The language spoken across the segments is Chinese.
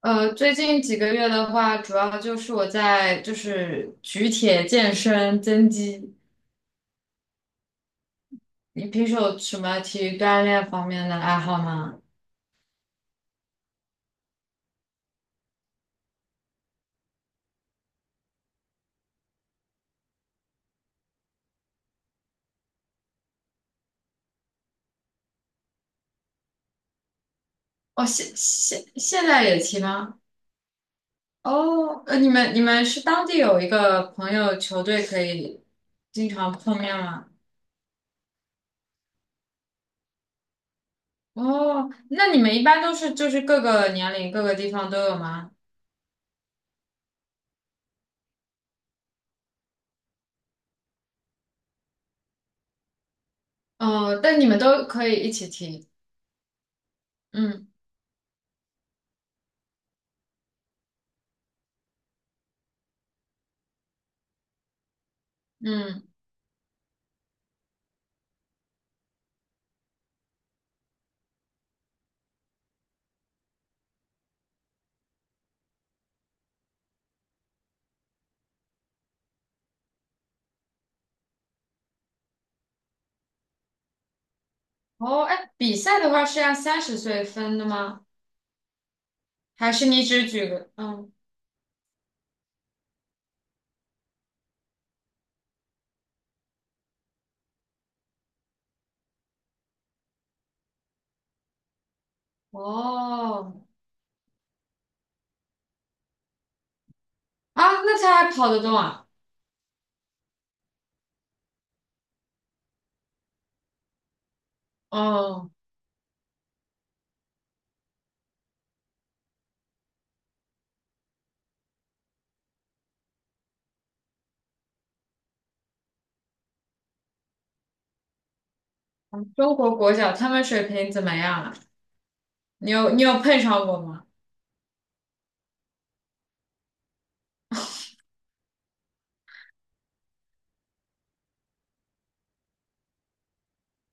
最近几个月的话，主要就是我在就是举铁健身增肌。你平时有什么体育锻炼方面的爱好吗？哦，现在也踢吗？哦，你们是当地有一个朋友球队可以经常碰面吗？哦，那你们一般都是就是各个年龄各个地方都有吗？哦，但你们都可以一起踢。嗯嗯。哦，哎，比赛的话是按30岁分的吗？还是你只举个，哦，啊，那他还跑得动啊？哦，中国国脚他们水平怎么样啊？你有碰上过吗？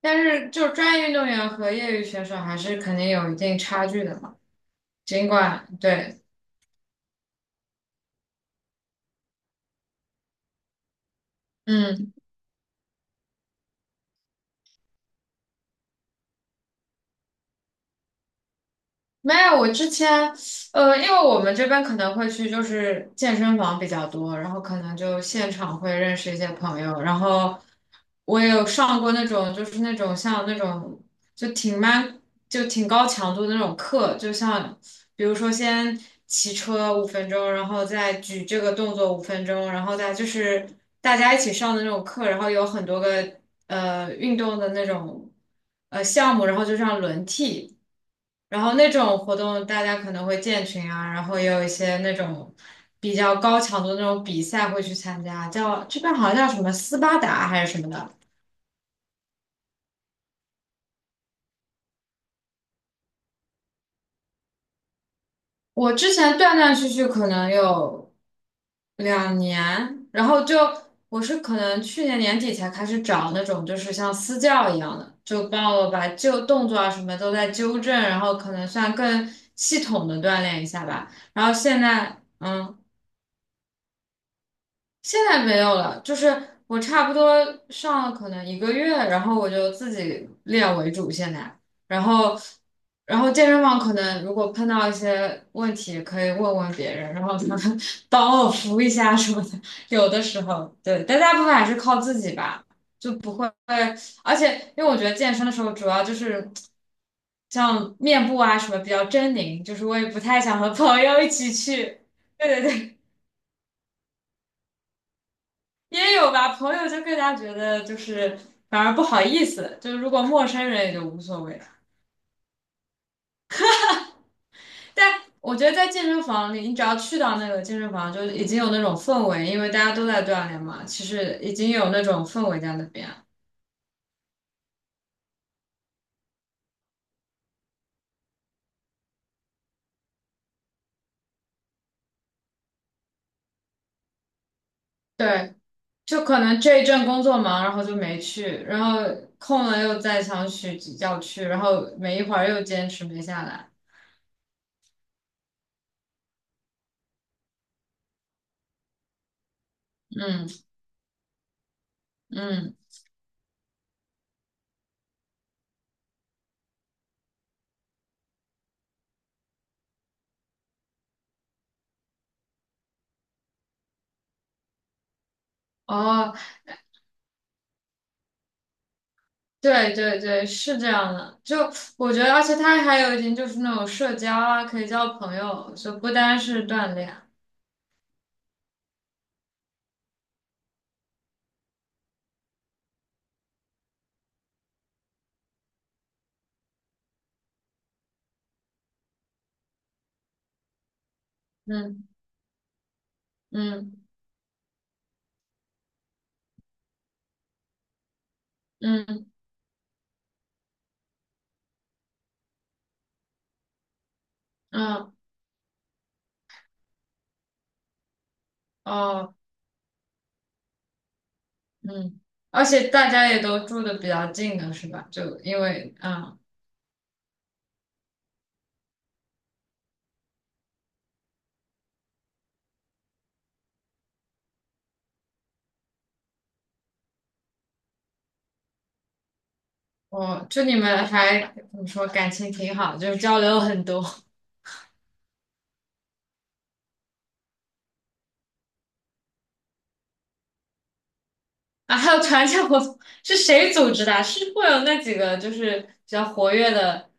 但是就专业运动员和业余选手还是肯定有一定差距的嘛。尽管对，嗯。没有，我之前，因为我们这边可能会去就是健身房比较多，然后可能就现场会认识一些朋友，然后我也有上过那种就是那种像那种就挺蛮就挺高强度的那种课，就像比如说先骑车五分钟，然后再举这个动作五分钟，然后再就是大家一起上的那种课，然后有很多个运动的那种项目，然后就这样轮替。然后那种活动大家可能会建群啊，然后也有一些那种比较高强度的那种比赛会去参加，叫这边好像叫什么斯巴达还是什么的。我之前断断续续可能有2年，然后就我是可能去年年底才开始找那种就是像私教一样的，就帮我把旧动作啊什么都在纠正，然后可能算更系统的锻炼一下吧。然后现在，嗯。现在没有了，就是我差不多上了可能1个月，然后我就自己练为主现在，然后然后健身房可能如果碰到一些问题，可以问问别人，然后他们 帮我扶一下什么的，有的时候对，但大部分还是靠自己吧，就不会，而且因为我觉得健身的时候主要就是。像面部啊什么比较狰狞，就是我也不太想和朋友一起去。对对对。也有吧，朋友就更加觉得就是反而不好意思，就是如果陌生人也就无所谓了。但我觉得在健身房里，你只要去到那个健身房，就已经有那种氛围，因为大家都在锻炼嘛，其实已经有那种氛围在那边。对，就可能这一阵工作忙，然后就没去，然后空了又再想去要去，然后没一会儿又坚持没下来。嗯嗯，哦，对对对，是这样的。就我觉得，而且它还有一点就是那种社交啊，可以交朋友，就不单是锻炼。嗯嗯嗯嗯哦嗯。而且大家也都住的比较近的是吧？就因为我就你们还怎么说感情挺好，就是交流很多 啊。还有团建活动是谁组织的啊是会有那几个就是比较活跃的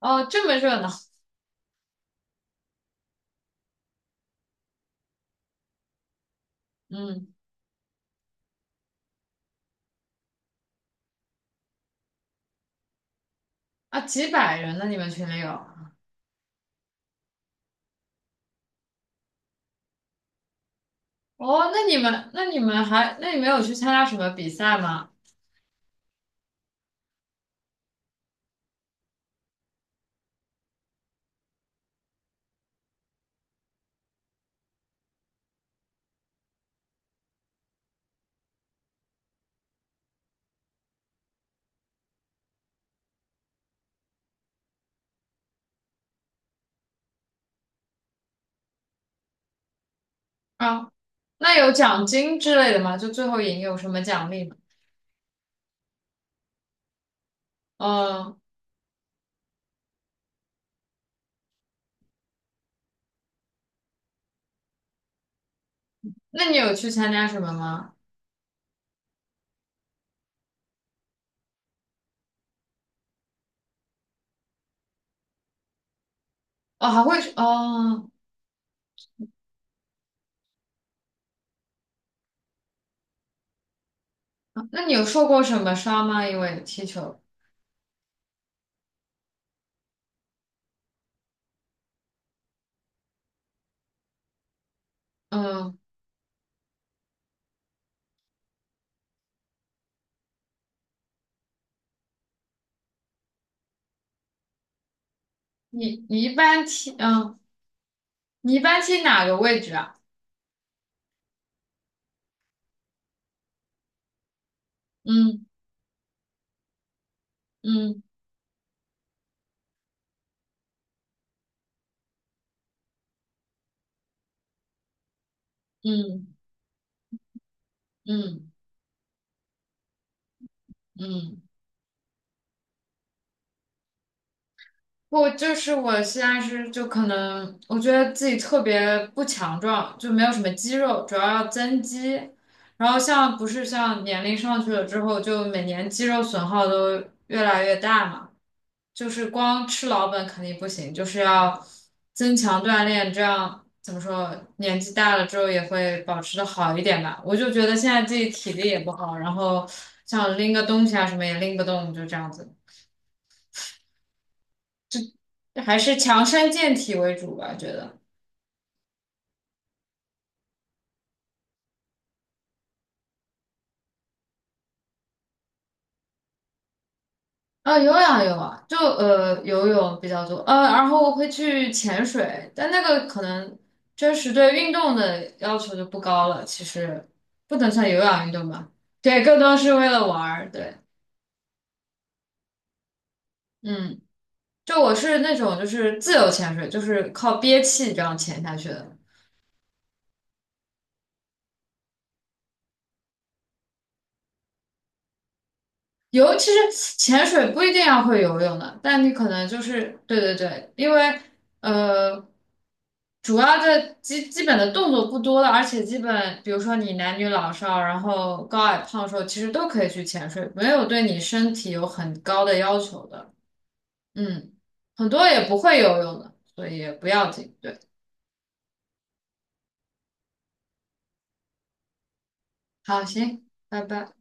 哦，这么热闹。嗯啊，几百人呢？你们群里有？哦，那你们有去参加什么比赛吗？啊，那有奖金之类的吗？就最后赢有什么奖励吗？嗯，那你有去参加什么吗？哦，还会哦，那你有受过什么伤吗？因为踢球，嗯，你你一般踢，嗯，你一般踢哪个位置啊？嗯嗯嗯嗯嗯。我现在是就可能我觉得自己特别不强壮，就没有什么肌肉，主要要增肌。然后像不是像年龄上去了之后，就每年肌肉损耗都越来越大嘛，就是光吃老本肯定不行，就是要增强锻炼，这样怎么说，年纪大了之后也会保持的好一点吧。我就觉得现在自己体力也不好，然后像拎个东西啊什么也拎不动，就这样子。还是强身健体为主吧，觉得。啊，有氧有啊，就游泳比较多，然后会去潜水，但那个可能真实对运动的要求就不高了，其实不能算有氧运动吧，对，更多是为了玩儿，对，嗯，就我是那种就是自由潜水，就是靠憋气这样潜下去的，其实潜水不一定要会游泳的，但你可能就是对对对，因为呃，主要的基本的动作不多了，而且基本比如说你男女老少，然后高矮胖瘦，其实都可以去潜水，没有对你身体有很高的要求的。嗯，很多也不会游泳的，所以也不要紧。对，好，行，拜拜。